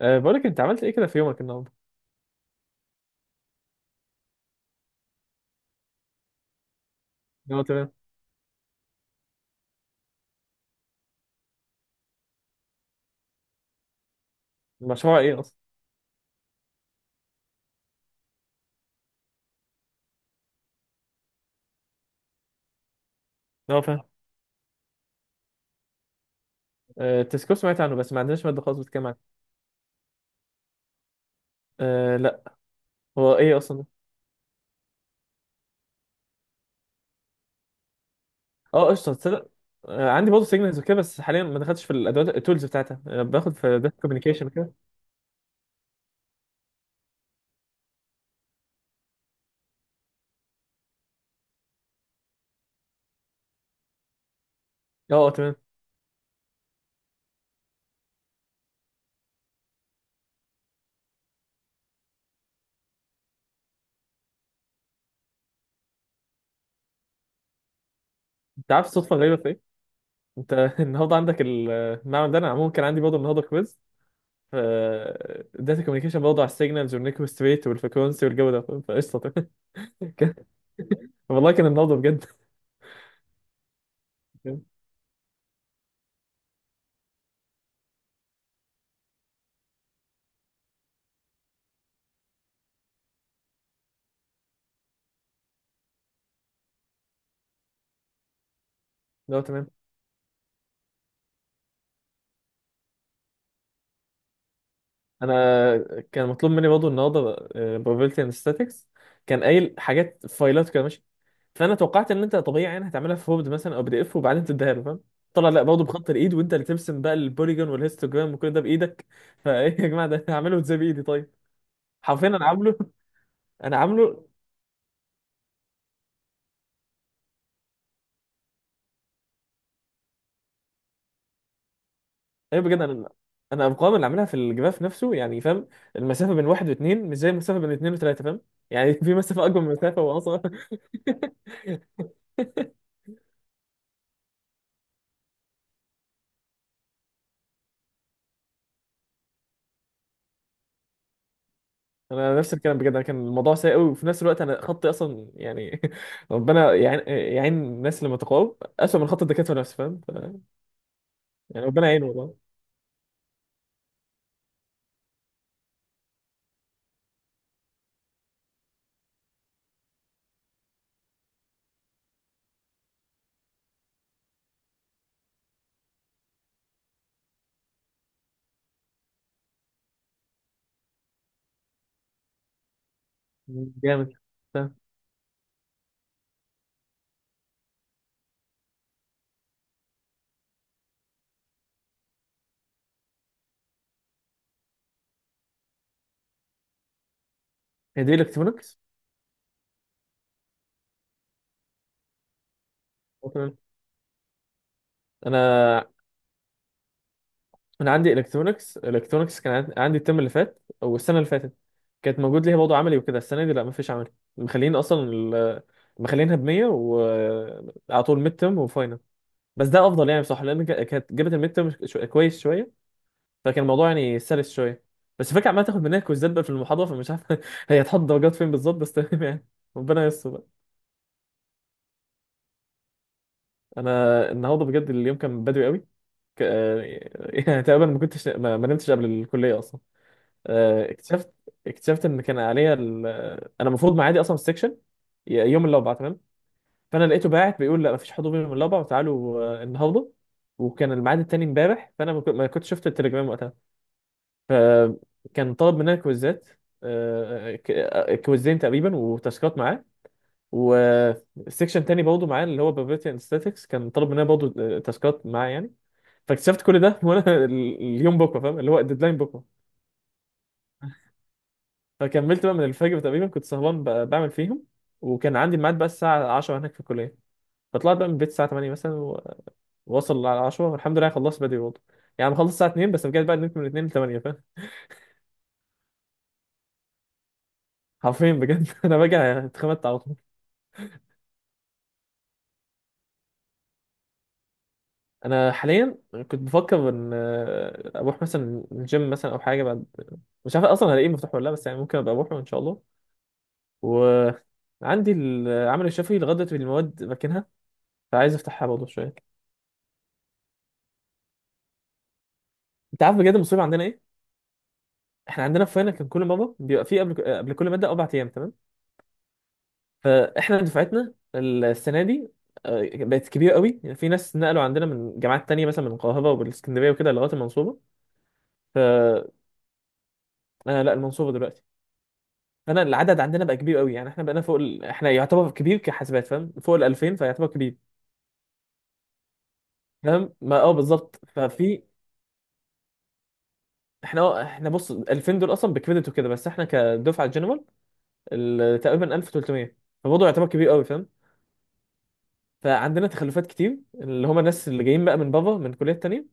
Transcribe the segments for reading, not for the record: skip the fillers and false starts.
بقولك انت عملت ايه كده في يومك النهارده؟ هو تمام. مشروع ايه اصلا؟ هو فاهم. التسكو سمعت عنه، بس ما عندناش ماده خالص بتتكلم عنه. أه، لا. هو ايه اصلا؟ اه، قشطه تصدق. عندي برضه سيجنالز وكده، بس حاليا ما دخلتش في الادوات التولز بتاعتها. باخد في داتا كوميونيكيشن كده. اه، آه، تمام. انت عارف الصدفه الغريبه في ايه؟ انت النهارده عندك المعمل ده، انا عموما كان عندي برضه النهارده كويز ف داتا كوميونيكيشن برضه على السيجنالز والنيكوست ريت والفريكونسي والجو ده، فقشطه تمام. كان- والله كان النهارده بجد. لا، تمام. انا كان مطلوب مني برضه النهارده probability and statistics، كان قايل حاجات فايلات كده ماشي. فانا توقعت ان انت طبيعي يعني هتعملها في وورد مثلا او بي دي اف وبعدين تديها له فاهم. طلع لا، برضه بخط الايد وانت اللي ترسم بقى البوليجون والهيستوجرام وكل ده بايدك. فايه يا جماعه، ده هعمله ازاي بايدي طيب. حرفيا انا عامله. انا عامله ايه بجد انا. انا الارقام اللي عاملها في الجراف نفسه يعني فاهم، المسافه بين واحد واثنين مش زي المسافه بين اثنين وثلاثه فاهم. يعني في مسافه اكبر من مسافه واصغر. انا نفس الكلام بجد. انا كان الموضوع سيء قوي وفي نفس الوقت انا خطي اصلا يعني. ربنا يعين الناس اللي متقاعد اسوء من خط الدكاتره نفسه فاهم، يعني ربنا يعينه والله. جامد فاهم. هي دي الكترونكس. انا انا عندي الكترونكس. الكترونكس عندي الترم اللي فات او السنه اللي فاتت، كانت موجود ليها موضوع عملي وكده. السنه دي لا، مفيش عملي، مخلين اصلا مخلينها ب 100 وعلى طول ميد ترم وفاينل. بس ده افضل يعني بصراحه لان كانت جابت الميد ترم كويس شويه، فكان الموضوع يعني سلس شويه. بس الفكره عماله تاخد مننا كويزات بقى في المحاضره، فمش عارف هي هتحط درجات فين بالظبط، بس تمام يعني. ربنا يستر بقى. انا النهارده بجد اليوم كان بدري قوي. ك... آه، يعني تقريبا ما كنتش ما نمتش قبل الكليه اصلا. آه، اكتشفت اكتشفت ان كان عليا انا المفروض معادي اصلا في السكشن يوم الاربعاء تمام. فانا لقيته باعت بيقول لا مفيش حضور يوم الاربعاء وتعالوا النهارده، وكان الميعاد التاني امبارح. فانا ما كنتش شفت التليجرام وقتها. كان طلب مننا كويزات، كويزين تقريبا وتاسكات معاه، وسيكشن تاني برضه معاه اللي هو بروبابيلتي اند ستاتكس كان طلب مننا برضه تاسكات معاه يعني. فاكتشفت كل ده وانا اليوم بكره فاهم، اللي هو الديدلاين بكره. فكملت بقى من الفجر تقريبا كنت سهران بعمل فيهم، وكان عندي ميعاد بقى الساعه 10 هناك في الكليه. فطلعت بقى من البيت الساعه 8 مثلا ووصل على 10 والحمد لله. خلصت بدري برضه، يعني خلصت الساعه 2. بس رجعت بقى نمت من 2 ل 8 فاهم. حرفيا بجد انا راجع اتخمدت على طول. انا حاليا كنت بفكر ان اروح مثلا الجيم مثلا او حاجه، بعد مش عارف اصلا هلاقيه مفتوح ولا لا، بس يعني ممكن ابقى اروحه ان شاء الله. وعندي العمل الشفوي لغايه دلوقتي المواد راكنها، فعايز افتحها برضه شويه. انت عارف بجد المصيبه عندنا ايه؟ احنا عندنا في فاينل كان كل مره بيبقى فيه قبل كل ماده اربع ايام تمام. فاحنا دفعتنا السنه دي بقت كبيره قوي، يعني في ناس نقلوا عندنا من جامعات تانية مثلا، من القاهره والاسكندريه وكده لغايه المنصوره. ف انا لا، المنصوره دلوقتي. انا العدد عندنا بقى كبير قوي، يعني احنا بقينا فوق احنا يعتبر كبير كحاسبات فاهم، فوق ال 2000 فيعتبر كبير فاهم، ما بالظبط ففي. احنا بص 2000 دول اصلا بكريدت وكده، بس احنا كدفعه جنرال تقريبا 1300، فبرضه يعتبر كبير قوي فاهم. فعندنا تخلفات كتير اللي هم الناس اللي جايين بقى من بره من كليات تانية.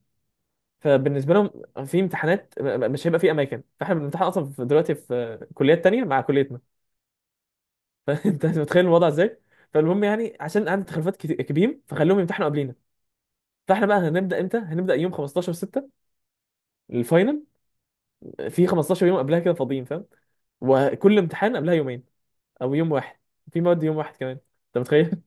فبالنسبه لهم في امتحانات مش هيبقى في اماكن. فاحنا بنمتحن اصلا دلوقتي في كليات تانية مع كليتنا. فانت متخيل الوضع ازاي. فالمهم يعني عشان عندي تخلفات كبير، فخلوهم يمتحنوا قبلينا. فاحنا بقى هنبدا امتى؟ هنبدا يوم 15 6 الفاينل، في 15 يوم قبلها كده فاضيين فاهم، وكل امتحان قبلها يومين او يوم واحد، في مواد يوم واحد كمان. انت متخيل؟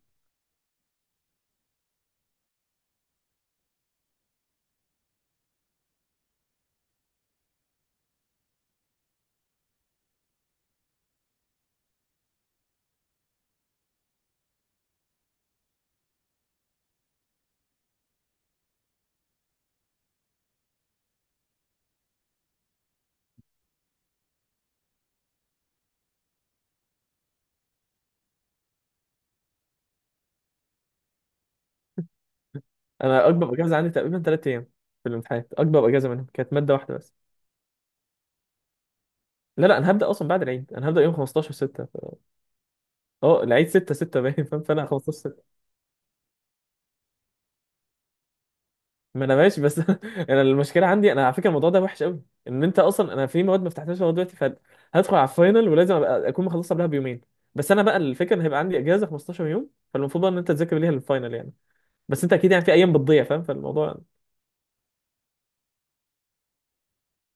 انا اكبر اجازه عندي تقريبا ثلاث ايام في الامتحانات، اكبر اجازه منهم كانت ماده واحده بس. لا، لا، انا هبدا اصلا بعد العيد. انا هبدا يوم 15 6، العيد 6 6 باين فاهم، فانا 15. ما انا ماشي بس انا المشكله عندي. انا على فكره الموضوع ده وحش قوي، ان انت اصلا انا في مواد ما فتحتهاش لغايه دلوقتي، فهدخل على الفاينل ولازم أبقى اكون مخلصها قبلها بيومين. بس انا بقى الفكره ان هيبقى عندي اجازه 15 يوم، فالمفروض بقى ان انت تذاكر ليها للفاينل يعني. بس انت اكيد يعني في ايام بتضيع فاهم، فالموضوع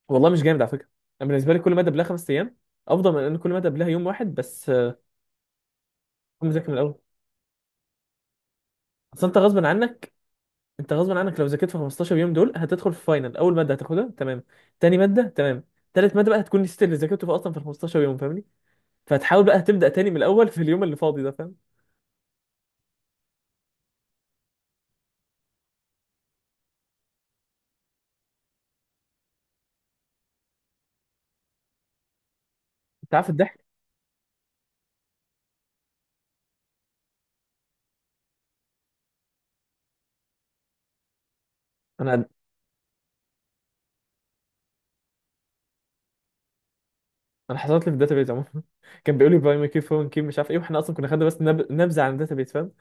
والله مش جامد على فكره. انا بالنسبه لي كل ماده قبلها خمس ايام افضل من ان كل ماده قبلها يوم واحد بس. أكون مذاكر من الاول، اصل انت غصب عنك. انت غصب عنك لو ذاكرت في 15 يوم دول، هتدخل في فاينل اول ماده هتاخدها تمام، تاني ماده تمام، تالت ماده بقى هتكون نسيت اللي ذاكرته في اصلا في 15 يوم فاهمني، فتحاول بقى تبدأ تاني من الأول في اليوم اللي فاضي ده فاهم. انت عارف الضحك؟ انا انا حصلت لي في الداتابيز عموما. كان بيقول لي باي ماي كي فون كي مش عارف ايه، واحنا اصلا كنا خدنا بس نبذه عن الداتابيز فاهم.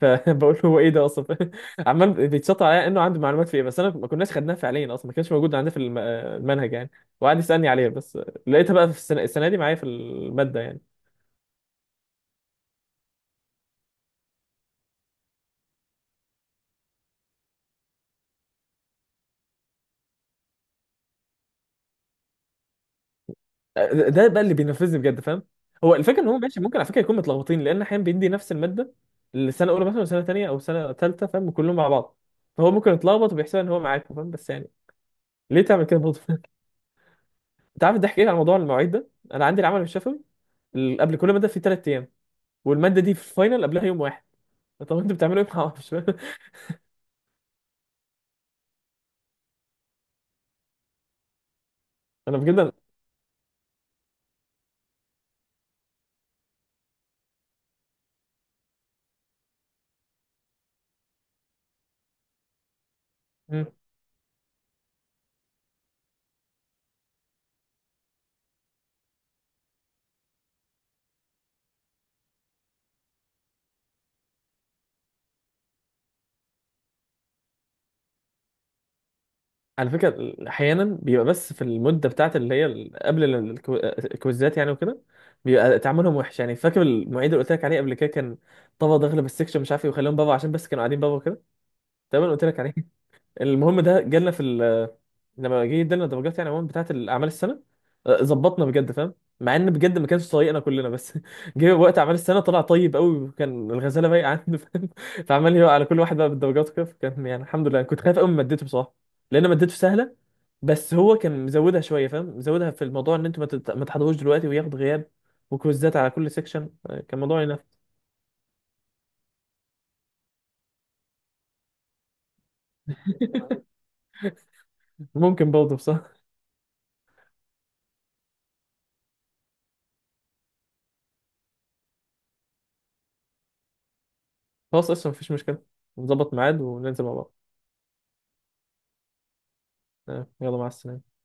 فبقول له هو ايه ده اصلا فاهم؟ عمال بيتشطر عليا انه عنده معلومات في ايه، بس انا ما كناش خدناها، فعليا اصلا ما كانش موجود عندنا في المنهج يعني. وقعد يسالني عليها بس. لقيتها بقى في السنة دي معايا في الماده يعني. ده بقى اللي بينفذني بجد فاهم. هو الفكره ان هو ماشي، ممكن على فكره يكون متلخبطين، لان احيانا بيدي نفس الماده السنه الاولى مثلا وسنه تانيه او سنه تالته فاهم، كلهم مع بعض، فهو ممكن يتلخبط وبيحسب ان هو معاكم فاهم، بس يعني ليه تعمل كده برضه؟ انت عارف الضحك ايه على موضوع المواعيد ده؟ انا عندي العمل الشفوي قبل كل ماده في ثلاث ايام، والماده دي في الفاينل قبلها يوم واحد. طب انتوا بتعملوا ايه؟ ما اعرفش. انا بجد على فكرة أحيانا بيبقى بس في المدة بتاعت اللي هي الكويزات يعني وكده، بيبقى تعاملهم وحش يعني. فاكر المعيد اللي قلت لك عليه قبل كده، كان طبعا داخل بالسكشن مش عارف ايه، وخليهم بابا عشان بس كانوا قاعدين بابا كده تمام، قلت لك عليه. المهم، ده جالنا في لما جه ادالنا درجات يعني عموما بتاعت الاعمال السنه ظبطنا بجد فاهم، مع ان بجد ما كانش طايقنا كلنا، بس جه وقت اعمال السنه طلع طيب قوي، وكان الغزاله بايقه عنده فاهم. فعمال يقع على كل واحد بقى بالدرجات وكده، فكان يعني الحمد لله. كنت خايف قوي من مادته بصراحه، لان مادته سهله، بس هو كان مزودها شويه فاهم، مزودها في الموضوع ان انتوا ما تحضروش دلوقتي وياخد غياب وكويزات على كل سيكشن. كان موضوع ينفع؟ ممكن برضه بصراحه. خلاص، اصلا مفيش مشكله، نظبط ميعاد وننزل مع بعض. آه، يلا، مع السلامه.